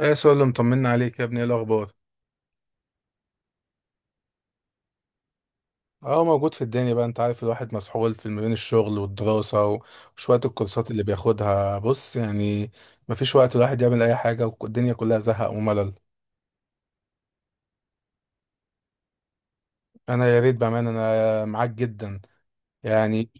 ايه سؤال اللي مطمنا عليك يا ابني؟ ايه الاخبار؟ اه، موجود في الدنيا بقى. انت عارف الواحد مسحول في ما بين الشغل والدراسة وشوية الكورسات اللي بياخدها. بص يعني مفيش وقت الواحد يعمل اي حاجة، والدنيا كلها زهق وملل. انا يا ريت بأمانة انا معاك جدا. يعني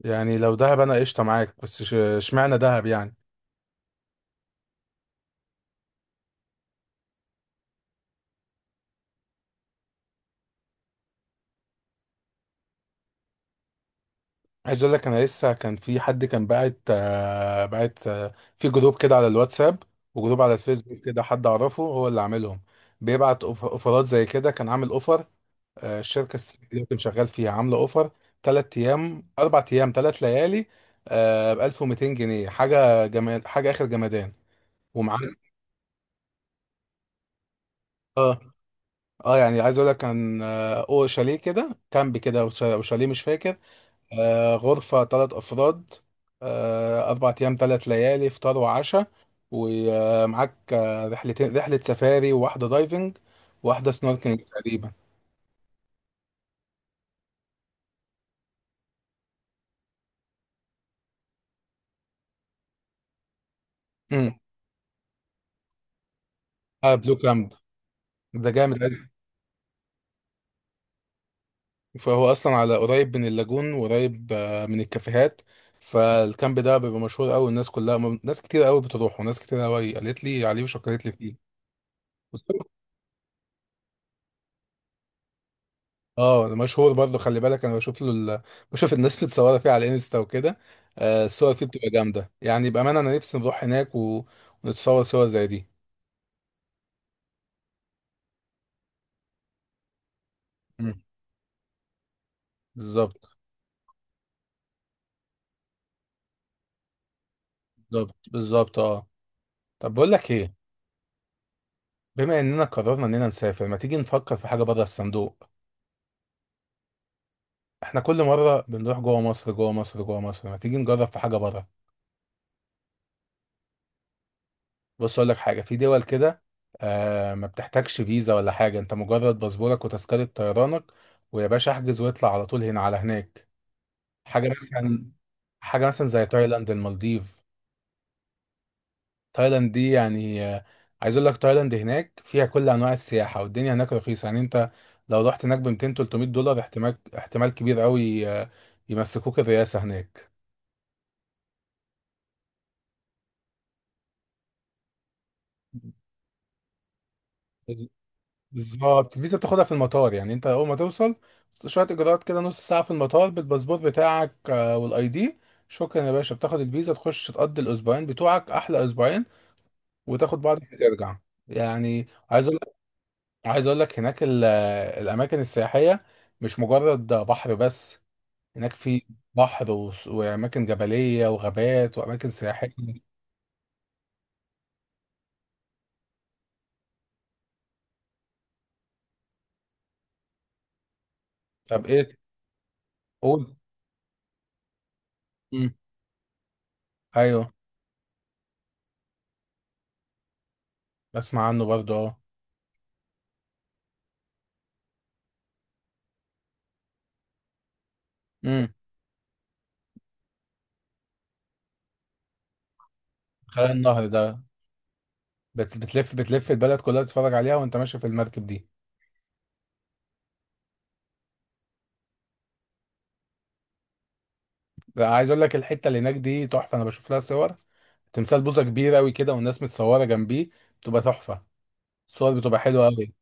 يعني لو دهب انا قشطة معاك، بس اشمعنى دهب يعني؟ عايز اقول لك انا لسه كان في حد كان باعت باعت في جروب كده على الواتساب وجروب على الفيسبوك كده، حد اعرفه هو اللي عاملهم. بيبعت اوفرات زي كده. كان عامل اوفر، الشركه السنة اللي كنت شغال فيها عامله اوفر: ثلاث ايام اربع ايام ثلاث ليالي ب 1200 جنيه. حاجه جمال، حاجه اخر جمدان، ومعانا اه. اه يعني عايز اقول لك كان او شاليه كده، كامب كده وش- وشاليه مش فاكر. غرفه ثلاث افراد، اربع ايام ثلاث ليالي، فطار وعشاء، ومعاك آه رحلتين: رحله سفاري وواحده دايفنج وواحده سنوركلينج تقريبا. امم اه، بلو كامب ده جامد. فهو اصلا على قريب من اللاجون، وقريب من الكافيهات. فالكامب ده بيبقى مشهور قوي، الناس كلها ناس كتير قوي بتروح، وناس كتير قوي قالت لي عليه وشكرت لي فيه. بس- اه ده مشهور برضه. خلي بالك انا بشوف له ال... بشوف الناس متصوره فيه على انستا وكده. الصور فيه بتبقى جامده، يعني بامانه انا نفسي نروح هناك و... ونتصور صور زي دي. مم. بالظبط، بالظبط، بالظبط اه. طب بقول لك ايه، بما اننا قررنا اننا نسافر، ما تيجي نفكر في حاجه بره الصندوق. احنا كل مرة بنروح جوه مصر، جوه مصر، جوه مصر، ما تيجي نجرب في حاجة بره. بص اقول لك حاجة، في دول كده آه ما بتحتاجش فيزا ولا حاجة، انت مجرد باسبورك وتذكرة طيرانك ويا باشا احجز واطلع على طول هنا على هناك. حاجة مثلا، حاجة مثلا زي تايلاند، المالديف. تايلاند دي يعني عايز اقول لك تايلاند هناك فيها كل انواع السياحة، والدنيا هناك رخيصة. يعني انت لو رحت هناك ب 200 300 دولار احتمال، احتمال كبير قوي يمسكوك الرئاسة هناك. بالظبط، الفيزا بتاخدها في المطار. يعني انت اول ما توصل شويه اجراءات كده، نص ساعه في المطار بالباسبور بتاعك والاي دي. شكرا يا باشا، بتاخد الفيزا تخش تقضي الاسبوعين بتوعك احلى اسبوعين وتاخد بعضك وترجع. يعني عايز اقول لك، عايز اقول لك هناك الاماكن السياحيه مش مجرد بحر بس، هناك في بحر و واماكن جبليه وغابات واماكن سياحيه. طب ايه؟ قول. مم. ايوه، بسمع عنه برضه اه. امم، خلال النهر ده بتلف، بتلف البلد كلها تتفرج عليها وانت ماشي في المركب دي. لا، عايز اقول لك الحته اللي هناك دي تحفه. انا بشوف لها صور، تمثال بوزه كبير قوي كده والناس متصوره جنبيه، بتبقى تحفه. الصور بتبقى حلوه قوي.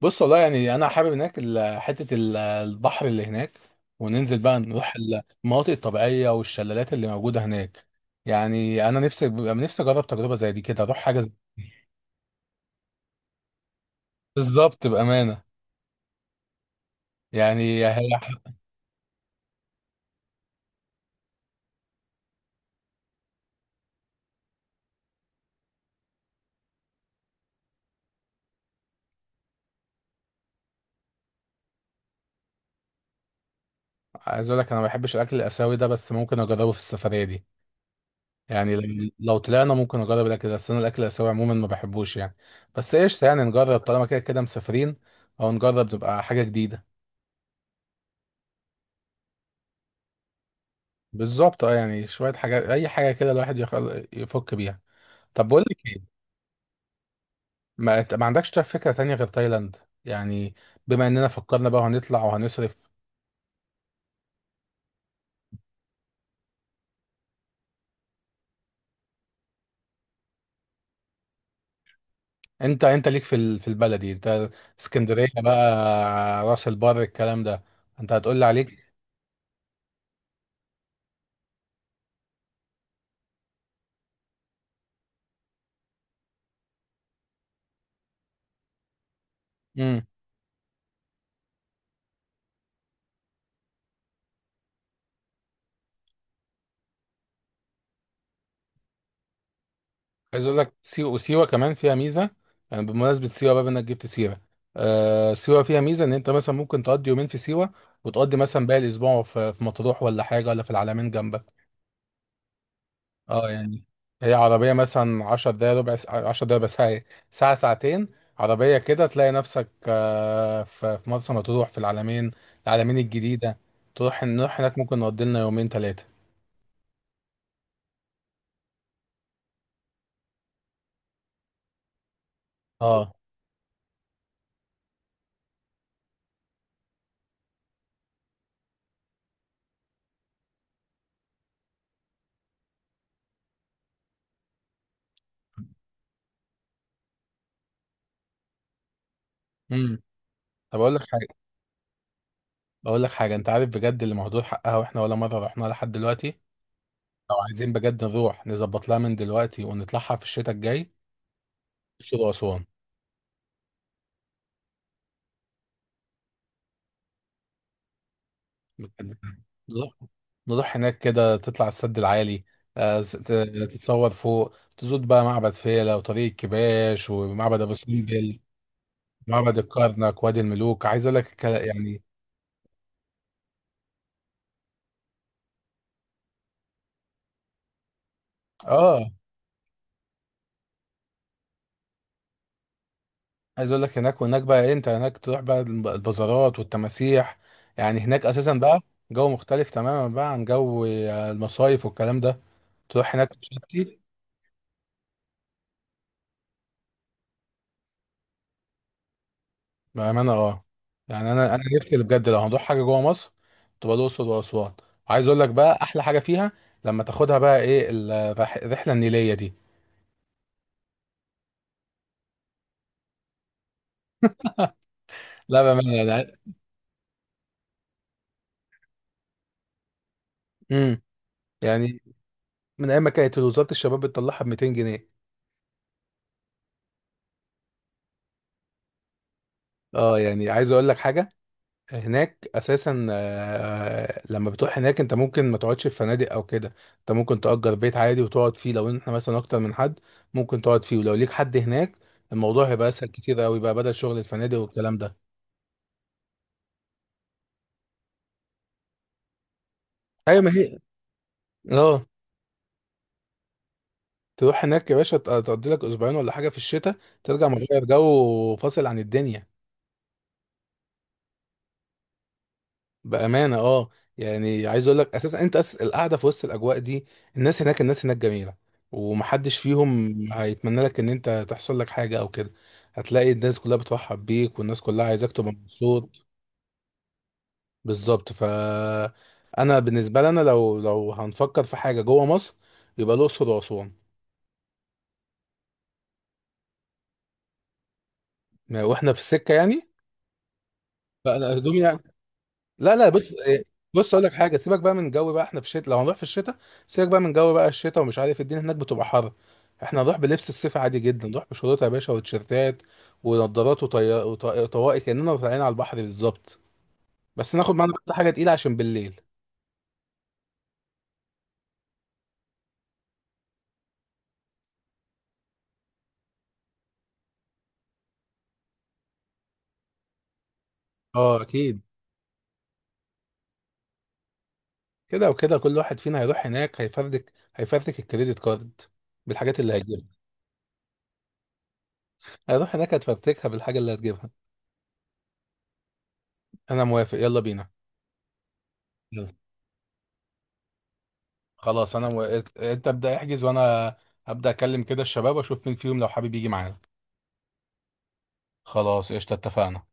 بص والله يعني انا حابب هناك حته البحر اللي هناك، وننزل بقى نروح المناطق الطبيعيه والشلالات اللي موجوده هناك. يعني انا نفسي نفسي اجرب تجربه زي دي كده، اروح بالظبط بامانه. يعني عايز اقول لك انا ما بحبش الاكل الاسيوي ده، بس ممكن اجربه في السفريه دي. يعني لو لو طلعنا ممكن نجرب الاكل ده، بس انا الاكل الاسيوي عموما ما بحبوش يعني. بس ايش يعني، نجرب طالما كده كده مسافرين، او نجرب تبقى حاجه جديده. بالظبط اه، يعني شويه حاجات، اي حاجه كده الواحد يفك بيها. طب بقول لك ايه، ما عندكش طيب فكره تانية غير تايلاند؟ يعني بما اننا فكرنا بقى وهنطلع وهنصرف. انت ليك في ال... في البلدي انت، اسكندريه بقى، راس البر، الكلام ده. انت هتقول لي عليك. عايز اقول لك سيوة، سيوة كمان فيها ميزه. يعني بمناسبه سيوة بقى انك جبت سيره، آه سيوة فيها ميزه ان انت مثلا ممكن تقضي يومين في سيوة وتقضي مثلا باقي الاسبوع في, في مطروح ولا حاجه ولا في العلمين جنبك. اه يعني هي عربيه مثلا 10 دقايق، ربع ساعه، 10 دقايق بس، ساعه، ساعتين عربيه كده تلاقي نفسك آه في, في مرسى مطروح، في العلمين، العلمين الجديده. تروح، نروح هناك ممكن نقضي لنا يومين ثلاثه. اه. امم. طب اقول لك حاجه، بقول لك حاجة: انت عارف بجد اللي مهدور حقها واحنا ولا مرة رحنا لحد دلوقتي؟ لو عايزين بجد نروح نظبط لها من دلوقتي ونطلعها في الشتاء الجاي: الأقصر وأسوان. بجد. نروح، نروح هناك كده، تطلع السد العالي، آه، س- ت- تتصور فوق، تزود بقى معبد فيلة وطريق الكباش ومعبد أبو سمبل. معبد الكرنك، وادي الملوك، عايز اقول لك يعني اه، عايز اقول لك هناك، وهناك بقى انت هناك تروح بقى البازارات والتماسيح. يعني هناك اساسا بقى جو مختلف تماما بقى عن جو المصايف والكلام ده. تروح هناك شتي بامانه اه. يعني انا انا نفسي بجد لو هنروح حاجه جوه مصر، تبقى الاقصر واسوان. عايز اقول لك بقى احلى حاجه فيها، لما تاخدها بقى ايه، الرحله النيليه دي. لا بامانه يعني. امم. يعني من ايام ما كانت وزاره الشباب بتطلعها ب 200 جنيه. اه، يعني عايز اقول لك حاجه، هناك اساسا لما بتروح هناك انت ممكن ما تقعدش في فنادق او كده، انت ممكن تأجر بيت عادي وتقعد فيه. لو احنا مثلا اكتر من حد ممكن تقعد فيه، ولو ليك حد هناك الموضوع هيبقى اسهل كتير قوي بقى بدل شغل الفنادق والكلام ده. ايوه ما هي اه، تروح هناك يا باشا تقضي لك اسبوعين ولا حاجه في الشتاء، ترجع مغير جو وفاصل عن الدنيا بأمانة اه. يعني عايز اقول لك اساسا انت أساس القعدة في وسط الاجواء دي. الناس هناك، الناس هناك جميلة، ومحدش فيهم هيتمنى لك ان انت تحصل لك حاجة او كده، هتلاقي الناس كلها بترحب بيك والناس كلها عايزاك تبقى مبسوط. بالظبط. ف انا بالنسبة لنا لو لو هنفكر في حاجة جوه مصر، يبقى الأقصر وأسوان. واحنا في السكة يعني، فانا هدومي. لا لا بص بص اقول لك حاجه، سيبك بقى من جو بقى، احنا في الشتاء لو هنروح في الشتاء، سيبك بقى من جو بقى الشتاء، ومش عارف الدنيا هناك بتبقى حر. احنا هنروح بلبس الصيف عادي جدا، نروح بشورت يا باشا وتيشيرتات ونضارات وطي... وط- وطواقي كاننا طالعين على البحر بالظبط. بس ناخد معانا بس حاجه تقيله عشان بالليل. اه اكيد، كده وكده كل واحد فينا هيروح هناك هيفردك الكريدت كارد بالحاجات اللي هتجيبها. هيروح هناك هتفرتكها بالحاجه اللي هتجيبها. انا موافق، يلا بينا. يلا. خلاص انا و... انت ابدا احجز، وانا هبدا اكلم كده الشباب واشوف مين فيهم لو حابب يجي معانا. خلاص قشطة اتفقنا.